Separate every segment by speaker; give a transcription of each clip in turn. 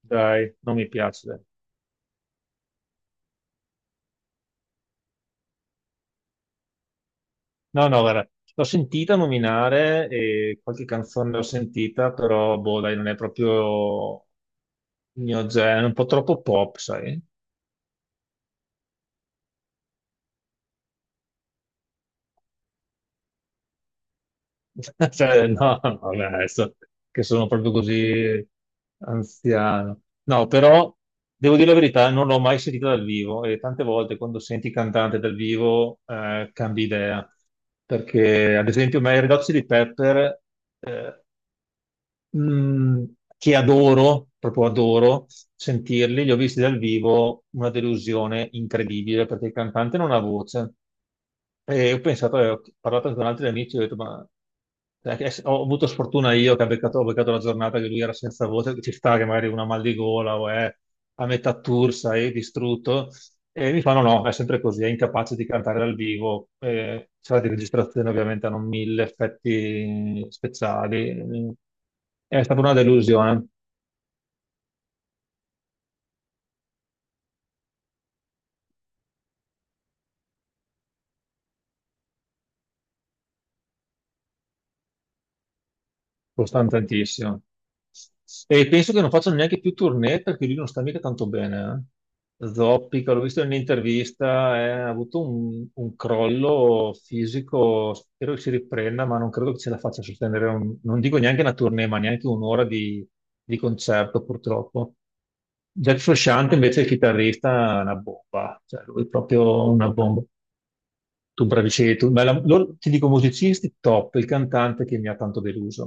Speaker 1: Dai, non mi piace, dai. No, no, guarda, l'ho sentita nominare e qualche canzone l'ho sentita, però, boh, dai, non è proprio il mio genere, un po' troppo pop, sai? Cioè, no, no, vabbè, adesso che sono proprio così anziano. No, però, devo dire la verità, non l'ho mai sentita dal vivo e tante volte quando senti il cantante dal vivo cambi idea. Perché, ad esempio, a me i Red Hot Chili Pepper eh, mh, che adoro, proprio adoro sentirli, li ho visti dal vivo, una delusione incredibile perché il cantante non ha voce. E ho pensato, ho parlato con altri amici, ho detto, ma cioè, ho avuto sfortuna io che ha beccato, ho beccato la giornata che lui era senza voce, che ci sta che magari una mal di gola o è a metà tour, sai, distrutto. E mi fanno no, no, è sempre così, è incapace di cantare dal vivo. Sala di registrazione ovviamente hanno mille effetti speciali. È stata una delusione. Costano tantissimo. E penso che non facciano neanche più tournée perché lui non sta mica tanto bene. Eh, zoppica, l'ho visto in un'intervista, ha avuto un crollo fisico, spero che si riprenda, ma non credo che ce la faccia a sostenere, non dico neanche una tournée, ma neanche un'ora di concerto purtroppo. Jack Frusciante invece è il chitarrista, è una bomba, cioè lui è proprio una bomba. Tu bravi sei tu, ma loro, ti dico musicisti top, il cantante che mi ha tanto deluso.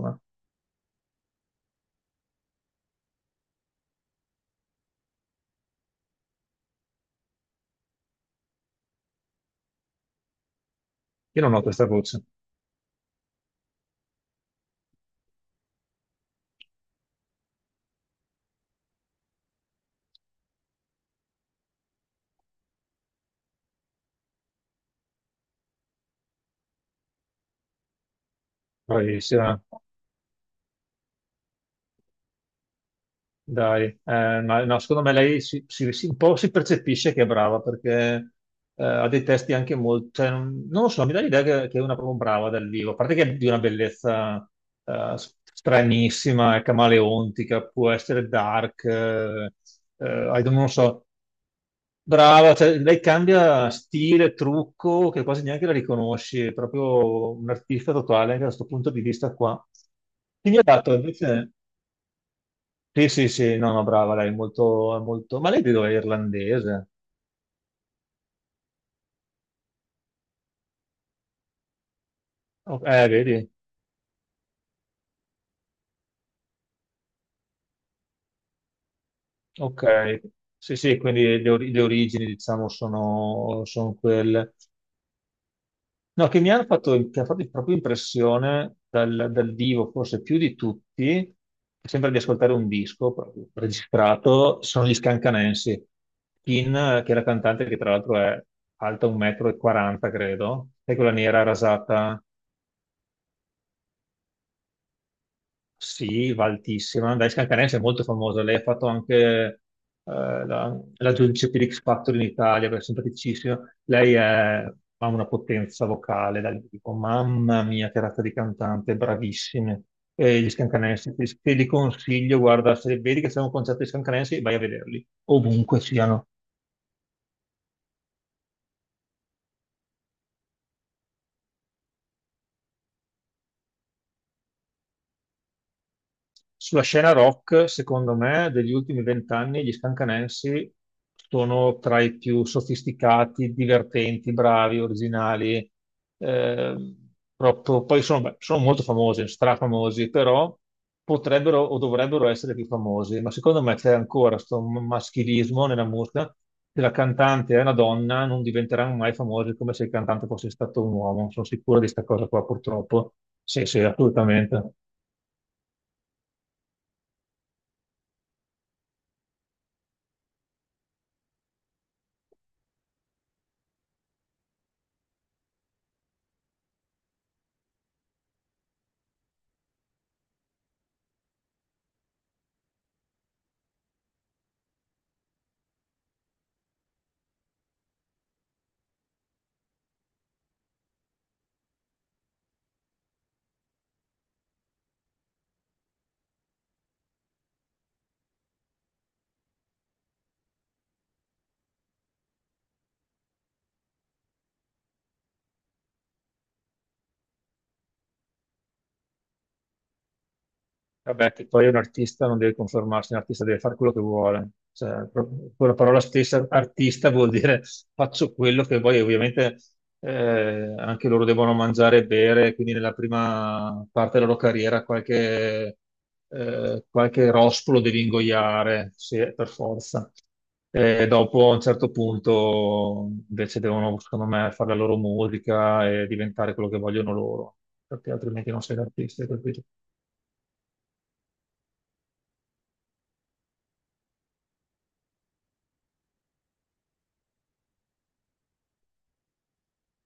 Speaker 1: Io non ho questa voce, bravissima, dai. Ma no, secondo me lei si, un po' si percepisce che è brava perché ha dei testi anche molto, cioè, non lo so, mi dà l'idea che è una proprio brava dal vivo, a parte che è di una bellezza stranissima, è camaleontica, può essere dark, I non so, brava, cioè, lei cambia stile, trucco, che quasi neanche la riconosci, è proprio un artista totale anche da questo punto di vista qua. Quindi ha dato invece sì, sì, sì, no, no, brava, lei è molto... Ma lei di dove è irlandese? Vedi? Ok. Sì, sì, quindi le, le origini, diciamo, sono, sono quelle. No, che mi hanno fatto, che ha fatto proprio impressione dal, dal vivo, forse più di tutti, sembra di ascoltare un disco proprio registrato, sono gli Scancanensi. Kin, che è la cantante che tra l'altro è alta 1,40 m, credo, è quella nera rasata. Sì, va altissima. Dai, Scalcanese è molto famosa. Lei ha fatto anche la giudice per X Factor in Italia, che è simpaticissima. Lei è- ha una potenza vocale, dai, dico, mamma mia, che razza di cantante, bravissime. E gli Scalcanese, te li consiglio, guarda, se vedi che c'è un concerto di Scalcanese, vai a vederli, ovunque siano. Sulla scena rock, secondo me, degli ultimi vent'anni gli Scancanensi sono tra i più sofisticati, divertenti, bravi, originali. eh, proprio- poi sono, beh, sono molto famosi, strafamosi, però potrebbero o dovrebbero essere più famosi. Ma secondo me c'è ancora questo maschilismo nella musica. Se la cantante è una donna, non diventeranno mai famosi come se il cantante fosse stato un uomo. Sono sicuro di questa cosa qua, purtroppo. Sì, sì, assolutamente. Vabbè, che poi un artista non deve conformarsi, un artista deve fare quello che vuole. Cioè, con la parola stessa, artista vuol dire faccio quello che voglio. Ovviamente anche loro devono mangiare e bere, quindi nella prima parte della loro carriera qualche, qualche rospo lo devi ingoiare, sì, per forza. E dopo, a un certo punto, invece devono, secondo me, fare la loro musica e diventare quello che vogliono loro, perché altrimenti non sei un artista, capito?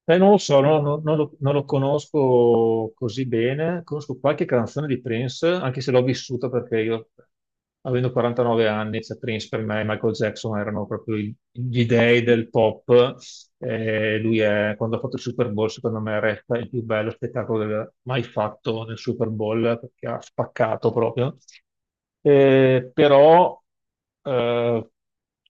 Speaker 1: Non lo so, non lo conosco così bene. Conosco qualche canzone di Prince, anche se l'ho vissuta perché io, avendo 49 anni, cioè Prince per me e Michael Jackson erano proprio gli dei del pop. Lui è, quando ha fatto il Super Bowl, secondo me resta il più bello spettacolo mai fatto nel Super Bowl perché ha spaccato proprio. Però eh,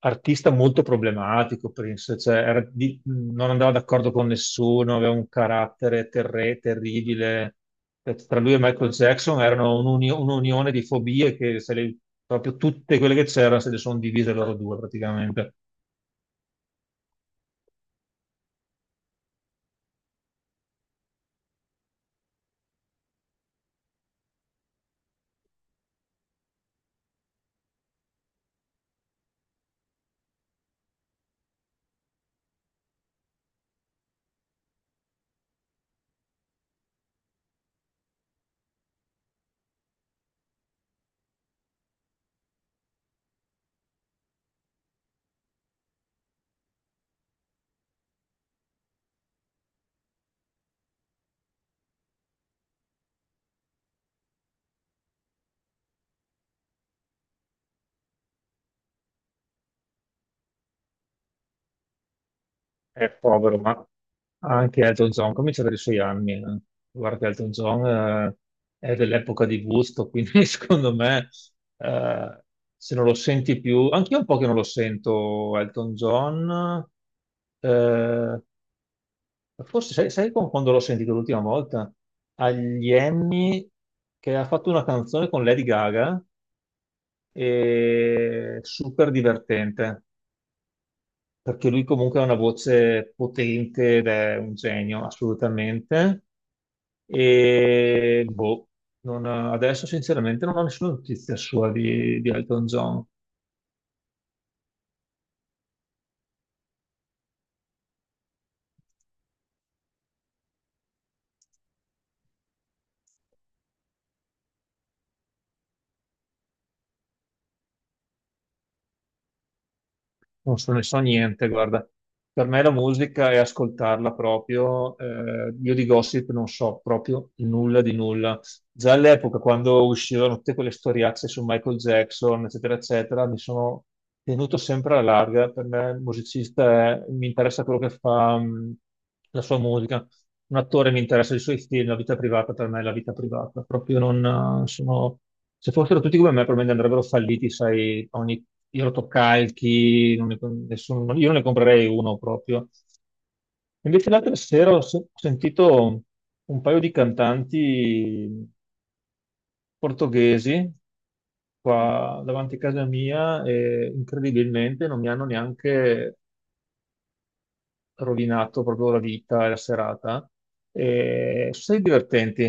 Speaker 1: artista molto problematico, Prince, cioè, non andava d'accordo con nessuno, aveva un carattere terribile. Tra lui e Michael Jackson erano un'unione di fobie che se le- proprio tutte quelle che c'erano se le sono divise loro due praticamente. È povero, ma anche Elton John comincia a avere i suoi anni. Guarda, che Elton John è dell'epoca di gusto, quindi secondo me eh, se non lo senti più, anche io un po' che non lo sento Elton John, eh, forse sai, quando l'ho sentito l'ultima volta? Agli Emmy, che ha fatto una canzone con Lady Gaga e super divertente perché lui comunque ha una voce potente ed è un genio, assolutamente. E boh, non- adesso sinceramente non ho nessuna notizia sua di Elton John. Non so, ne so niente, guarda. Per me la musica è ascoltarla proprio. Eh, io di gossip non so proprio nulla di nulla. Già all'epoca, quando uscivano tutte quelle storiazze su Michael Jackson, eccetera, eccetera, mi sono tenuto sempre alla larga. Per me mi interessa quello che fa, la sua musica, un attore mi interessa i suoi film, la vita privata per me è la vita privata, proprio non sono... Se fossero tutti come me, probabilmente andrebbero falliti, sai, ogni irotocalchi, non ne, nessuno, io non ne comprerei uno proprio. Invece l'altra sera ho, ho sentito un paio di cantanti portoghesi qua davanti a casa mia e incredibilmente non mi hanno neanche rovinato proprio la vita e la serata. E sono stati divertenti.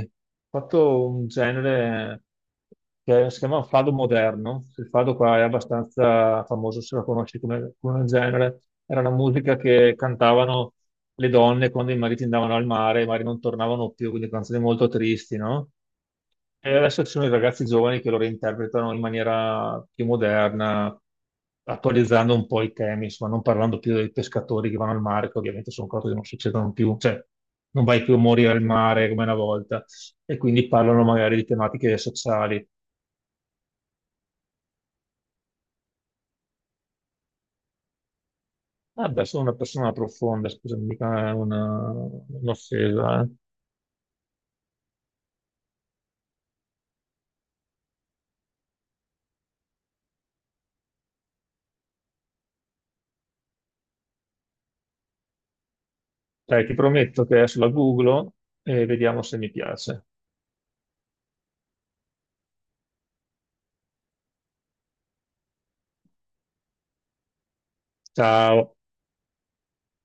Speaker 1: Ho fatto un genere che si chiama fado moderno. Il fado qua è abbastanza famoso, se lo conosci come, come genere. Era una musica che cantavano le donne quando i mariti andavano al mare, i mariti non tornavano più, quindi canzoni molto tristi, no? E adesso ci sono i ragazzi giovani che lo reinterpretano in maniera più moderna, attualizzando un po' i temi, insomma, non parlando più dei pescatori che vanno al mare, che ovviamente sono cose che non succedono più, cioè non vai più a morire al mare come una volta, e quindi parlano magari di tematiche sociali. Vabbè, sono una persona profonda, scusami, mica è un'offesa. Eh, dai, ti prometto che adesso la googlo e vediamo se mi piace. Ciao.